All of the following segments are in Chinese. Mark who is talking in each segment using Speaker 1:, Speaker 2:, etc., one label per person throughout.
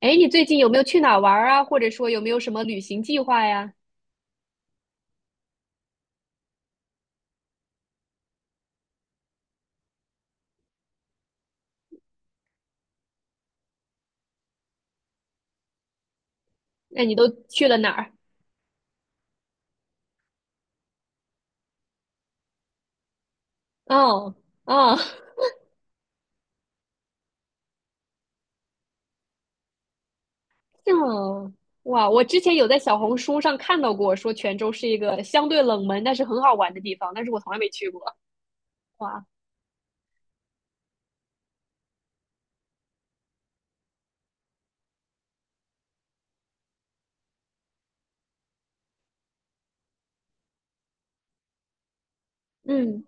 Speaker 1: 哎，你最近有没有去哪儿玩儿啊？或者说有没有什么旅行计划呀？那你都去了哪儿？哦。哦。哦。哇！我之前有在小红书上看到过，说泉州是一个相对冷门但是很好玩的地方，但是我从来没去过。哇。嗯。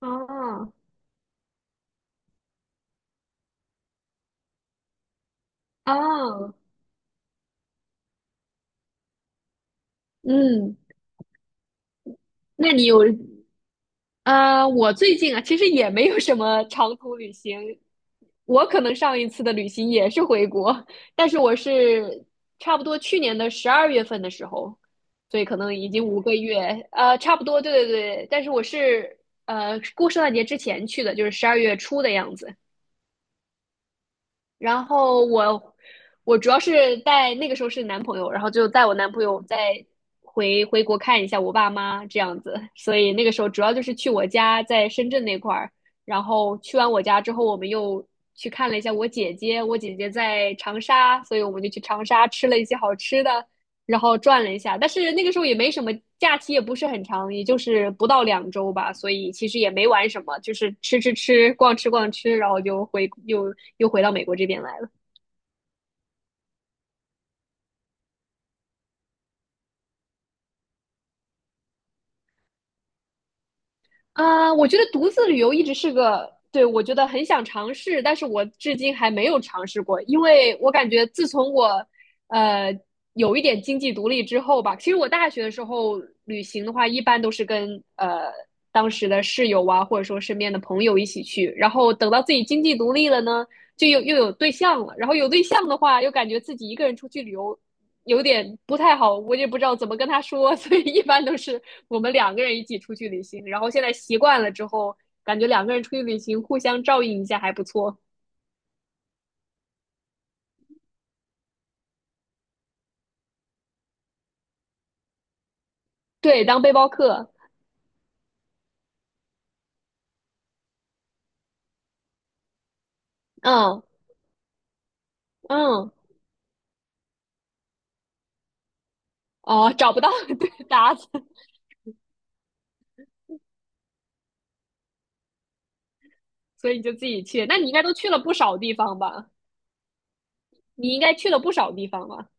Speaker 1: 哦。哦。嗯。那你有？啊，我最近啊，其实也没有什么长途旅行，我可能上一次的旅行也是回国，但是我是差不多去年的12月份的时候，所以可能已经5个月，差不多，对对对，但是我是过圣诞节之前去的，就是12月初的样子。然后我主要是带那个时候是男朋友，然后就带我男朋友再回国看一下我爸妈这样子，所以那个时候主要就是去我家在深圳那块儿，然后去完我家之后，我们又去看了一下我姐姐，我姐姐在长沙，所以我们就去长沙吃了一些好吃的，然后转了一下，但是那个时候也没什么假期，也不是很长，也就是不到2周吧，所以其实也没玩什么，就是吃吃吃，逛吃逛吃，然后就又回到美国这边来了。啊，我觉得独自旅游一直是个，对，我觉得很想尝试，但是我至今还没有尝试过，因为我感觉自从我，呃，有一点经济独立之后吧，其实我大学的时候旅行的话，一般都是跟当时的室友啊，或者说身边的朋友一起去，然后等到自己经济独立了呢，就又有对象了，然后有对象的话，又感觉自己一个人出去旅游有点不太好，我也不知道怎么跟他说，所以一般都是我们2个人一起出去旅行。然后现在习惯了之后，感觉两个人出去旅行互相照应一下还不错。对，当背包客。嗯嗯。哦，找不到 对搭子。所以你就自己去。那你应该都去了不少地方吧？你应该去了不少地方吧？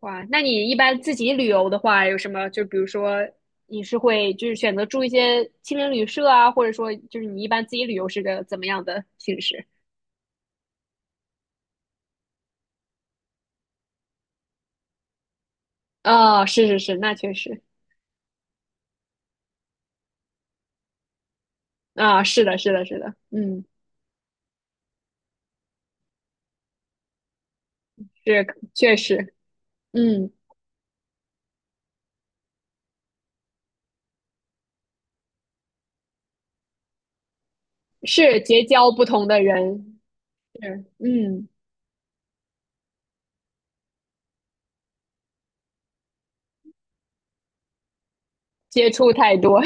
Speaker 1: 哇，那你一般自己旅游的话，有什么？就比如说，你是会就是选择住一些青年旅社啊，或者说就是你一般自己旅游是个怎么样的形式？啊？是是是，那确实。啊，是的，是的，是的。嗯。是。确实。嗯。是结交不同的人。是。嗯。接触太多。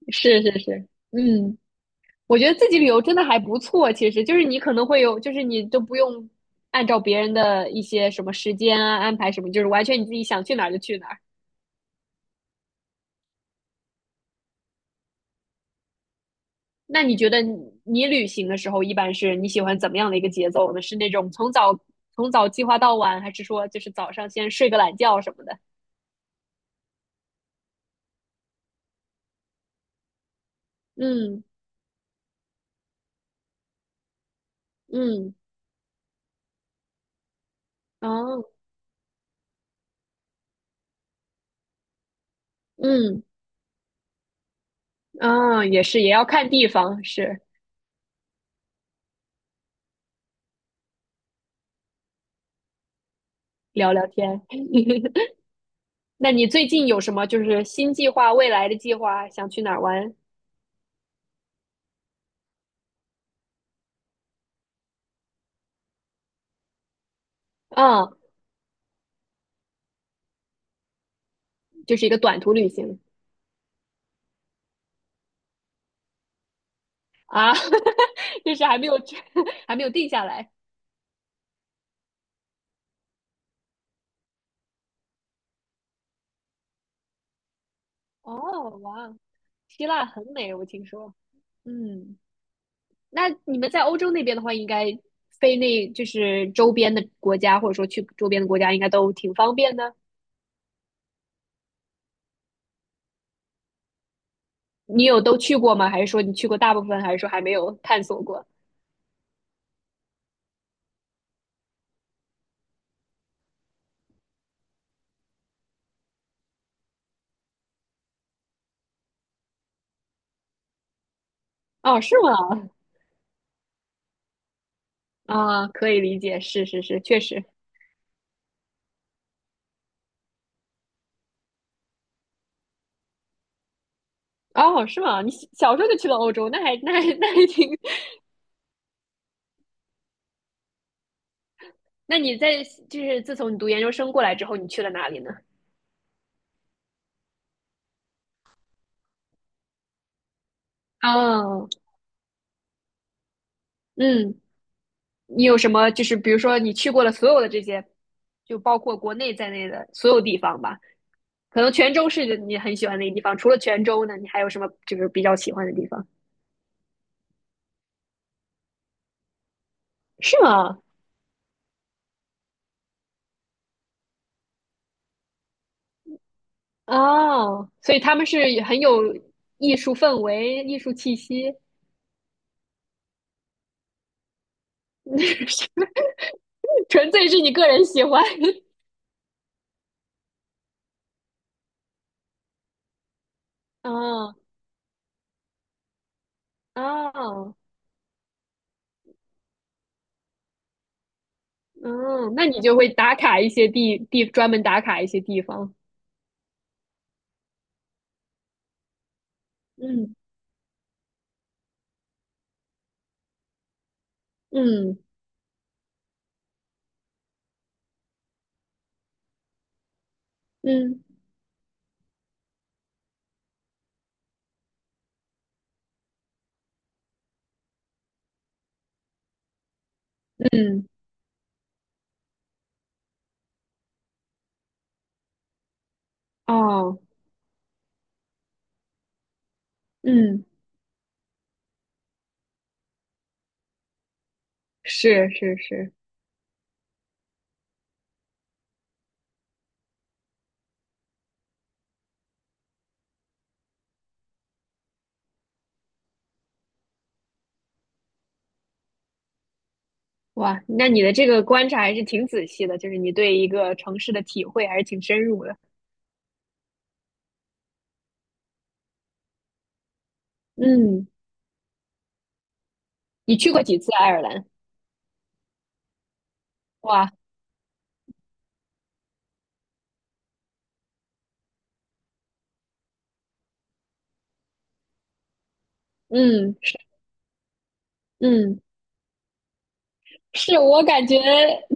Speaker 1: 是是是。嗯。我觉得自己旅游真的还不错，其实就是你可能会有，就是你都不用按照别人的一些什么时间啊安排什么，就是完全你自己想去哪儿就去哪儿。那你觉得你旅行的时候，一般是你喜欢怎么样的一个节奏呢？是那种从早计划到晚，还是说就是早上先睡个懒觉什么的？嗯嗯。哦。嗯。啊，也是，也要看地方。是。聊聊天。那你最近有什么就是新计划、未来的计划，想去哪儿玩？嗯。就是一个短途旅行啊。就是还没有 还没有定下来。哦。哇，希腊很美，我听说。嗯，那你们在欧洲那边的话，应该飞那就是周边的国家，或者说去周边的国家，应该都挺方便的。你有都去过吗？还是说你去过大部分，还是说还没有探索过？哦，是吗？啊，可以理解，是是是，确实。哦，是吗？你小时候就去了欧洲，那还挺。那你在就是自从你读研究生过来之后，你去了哪里呢？哦。嗯。你有什么就是比如说你去过了所有的这些，就包括国内在内的所有地方吧？可能泉州是你很喜欢的一个地方，除了泉州呢，你还有什么就是比较喜欢的地方？是吗？哦，所以他们是很有艺术氛围、艺术气息。纯粹是你个人喜欢。哦。哦。嗯，那你就会打卡一些地地，专门打卡一些地方。嗯嗯嗯嗯。哦。嗯。是是是。哇，那你的这个观察还是挺仔细的，就是你对一个城市的体会还是挺深入的。嗯，你去过几次爱尔兰？哇。嗯。是。嗯。是我感觉，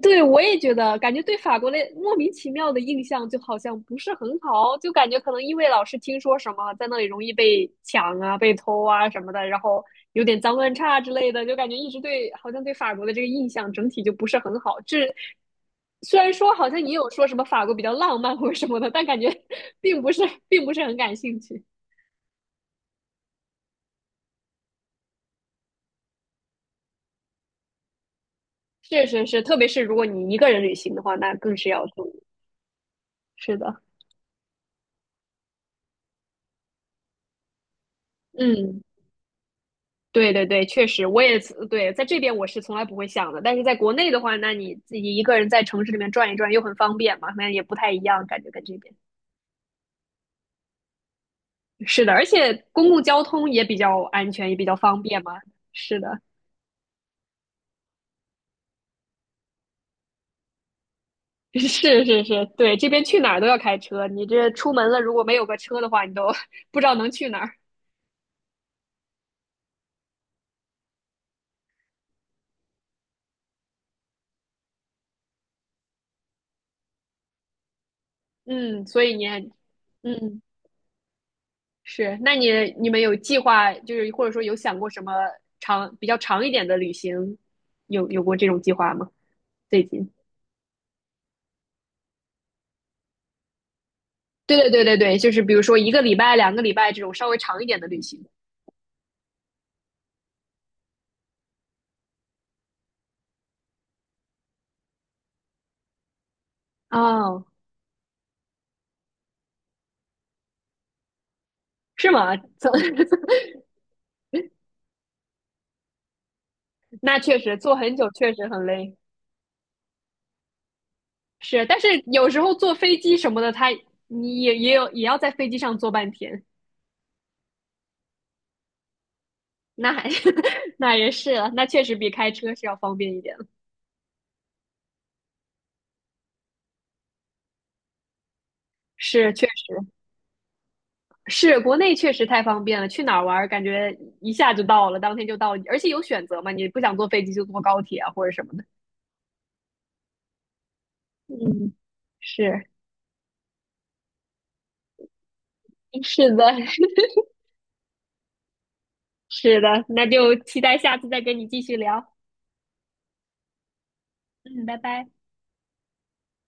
Speaker 1: 对我也觉得，感觉对法国的莫名其妙的印象就好像不是很好，就感觉可能因为老是听说什么在那里容易被抢啊、被偷啊什么的，然后有点脏乱差之类的，就感觉一直对好像对法国的这个印象整体就不是很好。这虽然说好像你有说什么法国比较浪漫或者什么的，但感觉 并不是并不是很感兴趣。是是是，特别是如果你一个人旅行的话，那更是要注意。是的。嗯。对对对，确实，我也对，在这边我是从来不会想的，但是在国内的话，那你自己一个人在城市里面转一转又很方便嘛，那也不太一样，感觉跟这边是的，而且公共交通也比较安全，也比较方便嘛。是的。是是是，对，这边去哪儿都要开车，你这出门了如果没有个车的话，你都 不知道能去哪儿。嗯，所以你。嗯，是，那你们有计划，就是或者说有想过什么比较长一点的旅行，有过这种计划吗？最近。对对对对对，就是比如说1个礼拜、2个礼拜这种稍微长一点的旅行。哦，是吗？那确实坐很久确实很累。是，但是有时候坐飞机什么的，你也有也要在飞机上坐半天。那还 那也是了，那确实比开车是要方便一点了。是，确实是国内确实太方便了，去哪儿玩儿感觉一下就到了，当天就到了，而且有选择嘛，你不想坐飞机就坐高铁啊或者什么的。嗯，是 是的。是的，那就期待下次再跟你继续聊。嗯，拜拜。